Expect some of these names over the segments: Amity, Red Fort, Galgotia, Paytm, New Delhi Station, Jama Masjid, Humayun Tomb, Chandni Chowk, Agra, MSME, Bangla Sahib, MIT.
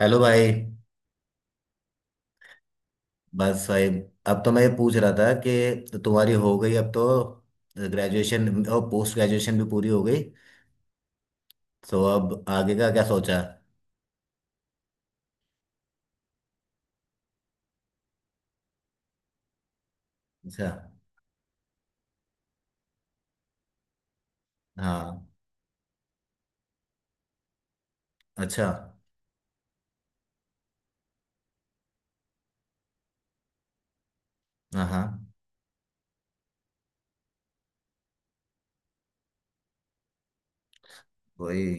Hello भाई। बस भाई। अब तो मैं ये पूछ रहा था कि तुम्हारी हो गई अब तो ग्रेजुएशन और पोस्ट ग्रेजुएशन भी पूरी हो गई। तो अब आगे का क्या सोचा? अच्छा। हाँ। अच्छा। हाँ, हाँ। वही।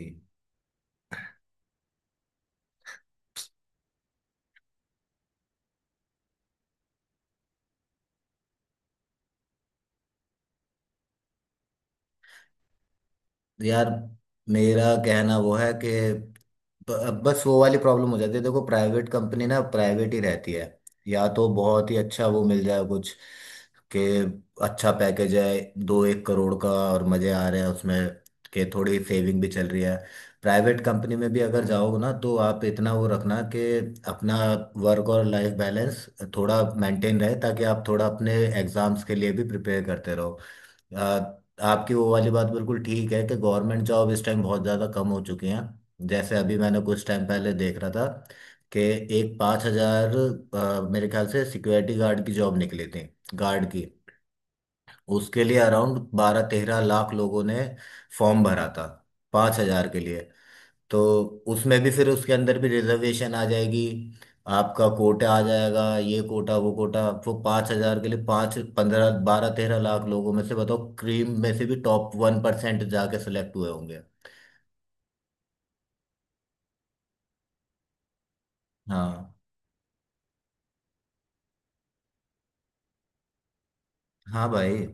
यार, मेरा कहना वो है कि बस वो वाली प्रॉब्लम हो जाती है। देखो, प्राइवेट कंपनी ना प्राइवेट ही रहती है। या तो बहुत ही अच्छा वो मिल जाए, कुछ कि अच्छा पैकेज है, दो एक करोड़ का, और मजे आ रहे हैं उसमें कि थोड़ी सेविंग भी चल रही है। प्राइवेट कंपनी में भी अगर जाओगे ना तो आप इतना वो रखना कि अपना वर्क और लाइफ बैलेंस थोड़ा मेंटेन रहे, ताकि आप थोड़ा अपने एग्जाम्स के लिए भी प्रिपेयर करते रहो। आ, आपकी वो वाली बात बिल्कुल ठीक है कि गवर्नमेंट जॉब इस टाइम बहुत ज़्यादा कम हो चुकी हैं। जैसे अभी मैंने कुछ टाइम पहले देख रहा था कि एक 5 हज़ार मेरे ख्याल से सिक्योरिटी गार्ड की जॉब निकली थी, गार्ड की। उसके लिए अराउंड 12-13 लाख लोगों ने फॉर्म भरा था, 5 हज़ार के लिए। तो उसमें भी फिर उसके अंदर भी रिजर्वेशन आ जाएगी, आपका कोटा आ जाएगा, ये कोटा वो कोटा। वो 5 हजार के लिए पाँच पंद्रह 12-13 लाख लोगों में से बताओ, क्रीम में से भी टॉप 1% जाके सेलेक्ट हुए होंगे। हाँ, हाँ भाई।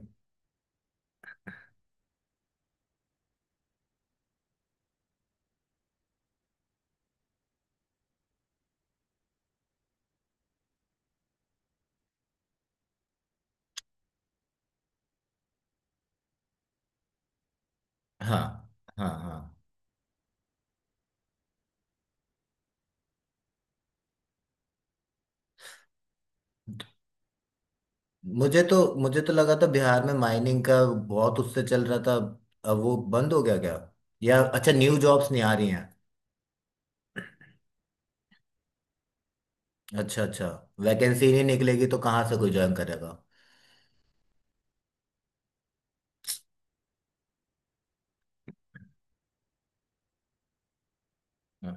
हाँ, हाँ, हाँ। मुझे तो लगा था बिहार में माइनिंग का बहुत उससे चल रहा था। अब वो बंद हो गया क्या? या अच्छा, न्यू जॉब्स नहीं आ रही हैं? अच्छा, अच्छा। वैकेंसी नहीं निकलेगी तो कहाँ से कोई ज्वाइन करेगा। हाँ,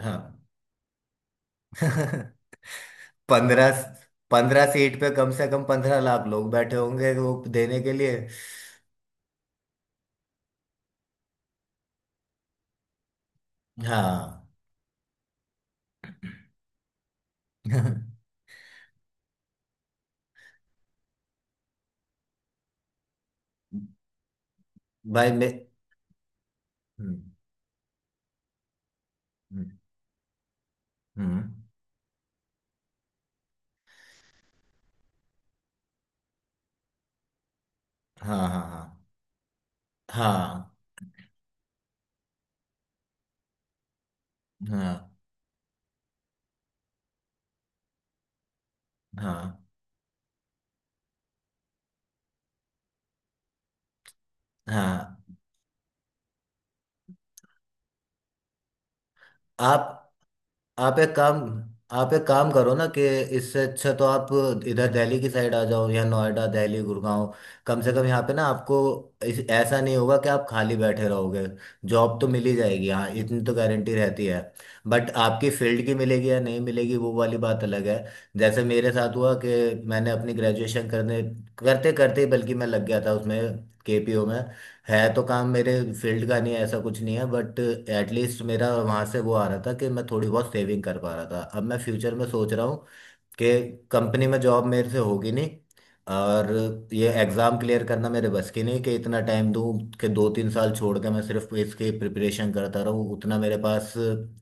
हाँ। 15। 15 सीट पे कम से कम 15 लाख लोग बैठे होंगे वो देने के लिए। हाँ। भाई मैं। हम्म। हम्म। हम्म, हाँ, हाँ, हाँ, हाँ, हाँ, हाँ, हाँ। आप आप एक काम आप एक काम करो ना कि इससे अच्छा तो आप इधर दिल्ली की साइड आ जाओ, या नोएडा, दिल्ली, गुड़गांव। कम से कम यहाँ पे ना आपको ऐसा नहीं होगा कि आप खाली बैठे रहोगे। जॉब तो मिल ही जाएगी, हाँ, इतनी तो गारंटी रहती है। बट आपकी फील्ड की मिलेगी या नहीं मिलेगी, वो वाली बात अलग है। जैसे मेरे साथ हुआ कि मैंने अपनी ग्रेजुएशन करने करते करते ही बल्कि मैं लग गया था उसमें, केपीओ में। है तो काम मेरे फील्ड का नहीं है, ऐसा कुछ नहीं है, बट एटलीस्ट मेरा वहाँ से वो आ रहा था कि मैं थोड़ी बहुत सेविंग कर पा रहा था। अब मैं फ्यूचर में सोच रहा हूँ कि कंपनी में जॉब मेरे से होगी नहीं, और ये एग्ज़ाम क्लियर करना मेरे बस की नहीं कि इतना टाइम दूँ कि 2-3 साल छोड़ के मैं सिर्फ इसकी प्रिपरेशन करता रहूँ, उतना मेरे पास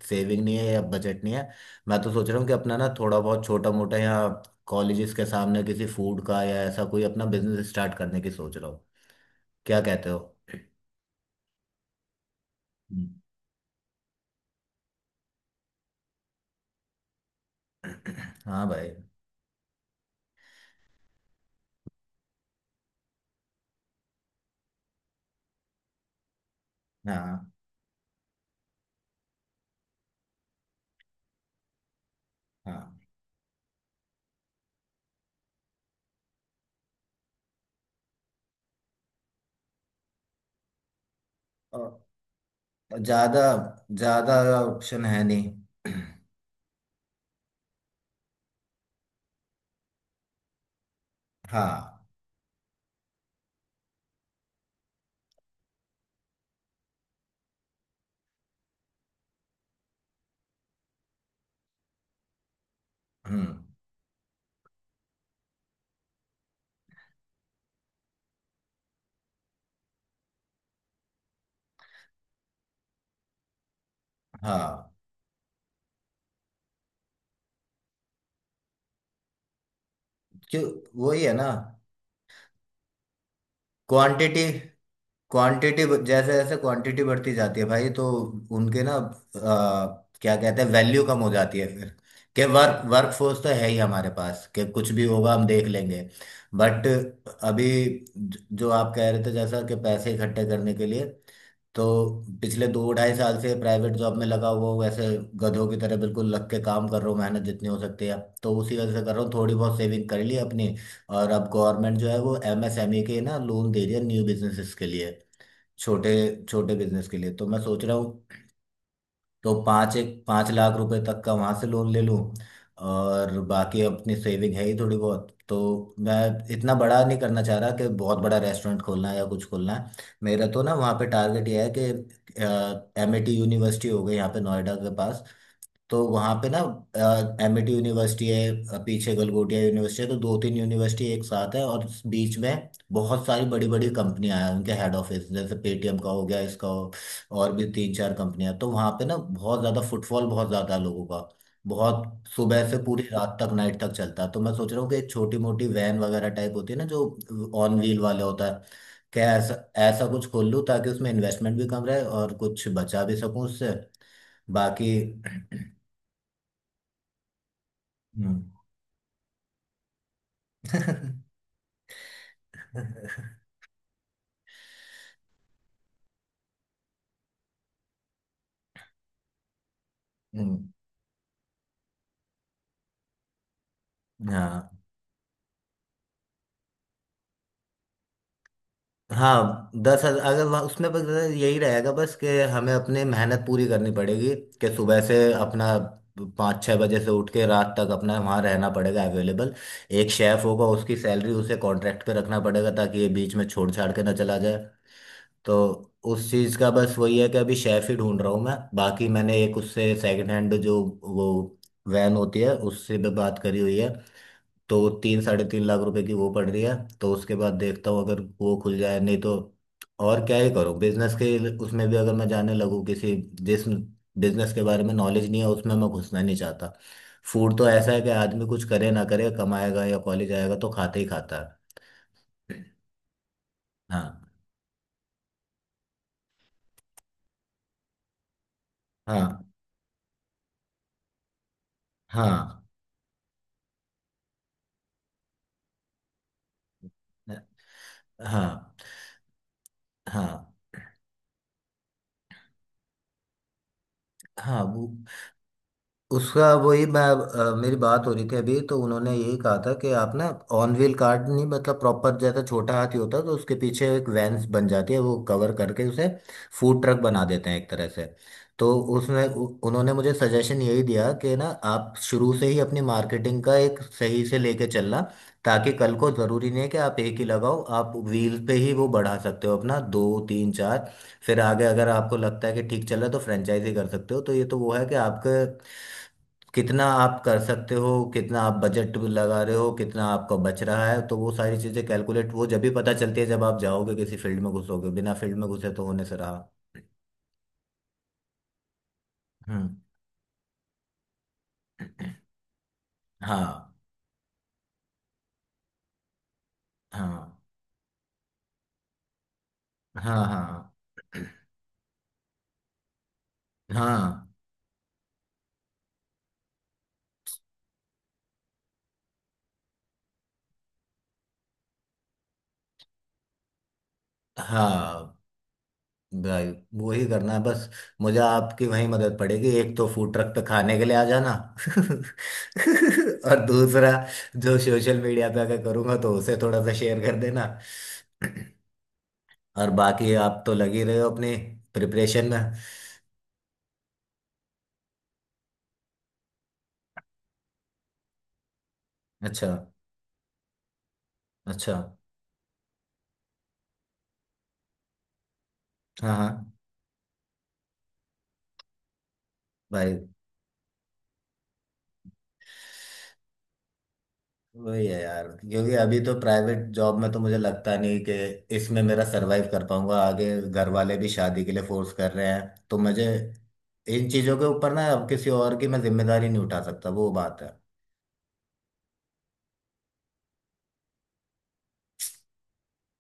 सेविंग नहीं है या बजट नहीं है। मैं तो सोच रहा हूँ कि अपना ना थोड़ा बहुत छोटा मोटा, या कॉलेजेस के सामने किसी फूड का या ऐसा कोई अपना बिजनेस स्टार्ट करने की सोच रहा हूँ। क्या कहते हो? हाँ भाई। हाँ, हाँ। और ज्यादा ज्यादा ऑप्शन है नहीं। हाँ। हम्म। हाँ। क्यों? वही है ना। क्वांटिटी। क्वांटिटी, जैसे जैसे क्वांटिटी बढ़ती जाती है भाई, तो उनके ना क्या कहते हैं, वैल्यू कम हो जाती है फिर। कि वर्क वर्क फोर्स तो है ही हमारे पास, कि कुछ भी होगा हम देख लेंगे। बट अभी जो आप कह रहे थे, जैसा कि पैसे इकट्ठे करने के लिए। तो पिछले दो ढाई साल से प्राइवेट जॉब में लगा हुआ हूँ, वैसे गधों की तरह बिल्कुल लग के काम कर रहा हूँ, मेहनत जितनी हो सकती है। तो उसी वजह से कर रहा हूँ, थोड़ी बहुत सेविंग कर ली अपनी। और अब गवर्नमेंट जो है वो एमएसएमई के ना लोन दे रही है न्यू बिजनेसेस के लिए, छोटे छोटे बिजनेस के लिए। तो मैं सोच रहा हूँ, तो पाँच एक पाँच लाख रुपए तक का वहां से लोन ले लूँ, और बाकी अपनी सेविंग है ही थोड़ी बहुत। तो मैं इतना बड़ा नहीं करना चाह रहा कि बहुत बड़ा रेस्टोरेंट खोलना है या कुछ खोलना है। मेरा तो ना वहाँ पे टारगेट ये है कि एमआईटी यूनिवर्सिटी हो गई यहाँ पे नोएडा के पास। तो वहां पे ना एमिटी यूनिवर्सिटी है, पीछे गलगोटिया यूनिवर्सिटी है, तो दो तीन यूनिवर्सिटी एक साथ है। और इस बीच में बहुत सारी बड़ी बड़ी कंपनियां हैं, उनके हेड ऑफिस, जैसे पेटीएम का हो गया, इसका हो, और भी तीन चार कंपनियां। तो वहां पे ना बहुत ज्यादा फुटफॉल, बहुत ज्यादा है लोगों का, बहुत सुबह से पूरी रात तक, नाइट तक चलता है। तो मैं सोच रहा हूँ कि एक छोटी मोटी वैन वगैरह टाइप होती है ना, जो ऑन व्हील वाले होता है, क्या ऐसा ऐसा कुछ खोल लूँ ताकि उसमें इन्वेस्टमेंट भी कम रहे और कुछ बचा भी सकूं उससे। बाकी। हम्म। हम्म, हाँ। हाँ, 10 हजार अगर वहाँ उसमें, बस यही रहेगा बस कि हमें अपने मेहनत पूरी करनी पड़ेगी। कि सुबह से अपना 5-6 बजे से उठ के रात तक अपना वहाँ रहना पड़ेगा, अवेलेबल। एक शेफ़ होगा, उसकी सैलरी, उसे कॉन्ट्रैक्ट पे रखना पड़ेगा ताकि ये बीच में छोड़ छाड़ के ना चला जाए। तो उस चीज़ का बस वही है कि अभी शेफ़ ही ढूंढ रहा हूँ मैं। बाकी मैंने एक उससे सेकंड हैंड जो वो वैन होती है उससे भी बात करी हुई है, तो 3 - 3.5 लाख रुपए की वो पड़ रही है। तो उसके बाद देखता हूँ अगर वो खुल जाए, नहीं तो और क्या ही करूँ। बिजनेस के उसमें भी अगर मैं जाने लगूँ किसी, जिस बिजनेस के बारे में नॉलेज नहीं है उसमें मैं घुसना नहीं चाहता। फूड तो ऐसा है कि आदमी कुछ करे ना करे कमाएगा, या कॉलेज आएगा तो खाते ही खाता है। हाँ, हाँ, हाँ, हाँ। हाँ, हाँ। वो। उसका वही मैं, मेरी बात हो रही थी अभी तो उन्होंने यही कहा था कि आप ना ऑन व्हील कार्ट नहीं, मतलब प्रॉपर जैसा छोटा हाथी होता है तो उसके पीछे एक वैन बन जाती है, वो कवर करके उसे फूड ट्रक बना देते हैं एक तरह से। तो उसमें उन्होंने मुझे सजेशन यही दिया कि ना आप शुरू से ही अपनी मार्केटिंग का एक सही से लेके चलना। ताकि कल को ज़रूरी नहीं है कि आप एक ही लगाओ, आप व्हील पे ही वो बढ़ा सकते हो अपना, दो तीन चार। फिर आगे अगर आपको लगता है कि ठीक चल रहा है तो फ्रेंचाइजी कर सकते हो। तो ये तो वो है कि आपके कितना आप कर सकते हो, कितना आप बजट लगा रहे हो, कितना आपका बच रहा है, तो वो सारी चीजें कैलकुलेट वो जब भी पता चलती है जब आप जाओगे किसी फील्ड में घुसोगे, बिना फील्ड में घुसे तो होने से रहा। हम्म। हाँ, हाँ, हाँ, हाँ, हाँ, हाँ। भाई, वही करना है बस। मुझे आपकी वही मदद पड़ेगी, एक तो फूड ट्रक पे खाने के लिए आ जाना, और दूसरा जो सोशल मीडिया पे अगर करूंगा तो उसे थोड़ा सा शेयर कर देना। और बाकी आप तो लगे रहे हो अपने प्रिपरेशन में। अच्छा, अच्छा। हाँ, हाँ भाई। वही है यार, क्योंकि अभी तो प्राइवेट जॉब में तो मुझे लगता नहीं कि इसमें मेरा सरवाइव कर पाऊंगा। आगे घर वाले भी शादी के लिए फोर्स कर रहे हैं, तो मुझे, इन चीज़ों के ऊपर ना अब किसी और की मैं जिम्मेदारी नहीं उठा सकता, वो बात है।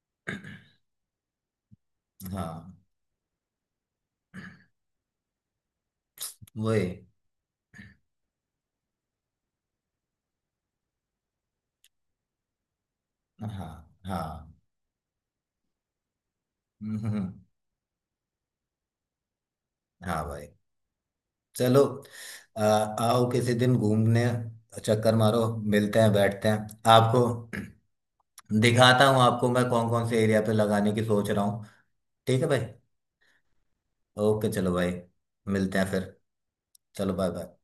हाँ। वही। हाँ। हाँ। हम्म, हम्म, हम्म। हाँ भाई। चलो, आओ किसी दिन घूमने, चक्कर मारो, मिलते हैं, बैठते हैं। आपको दिखाता हूँ, आपको मैं कौन कौन से एरिया पे लगाने की सोच रहा हूँ। ठीक है भाई। ओके, चलो भाई, मिलते हैं फिर। चलो, बाय बाय।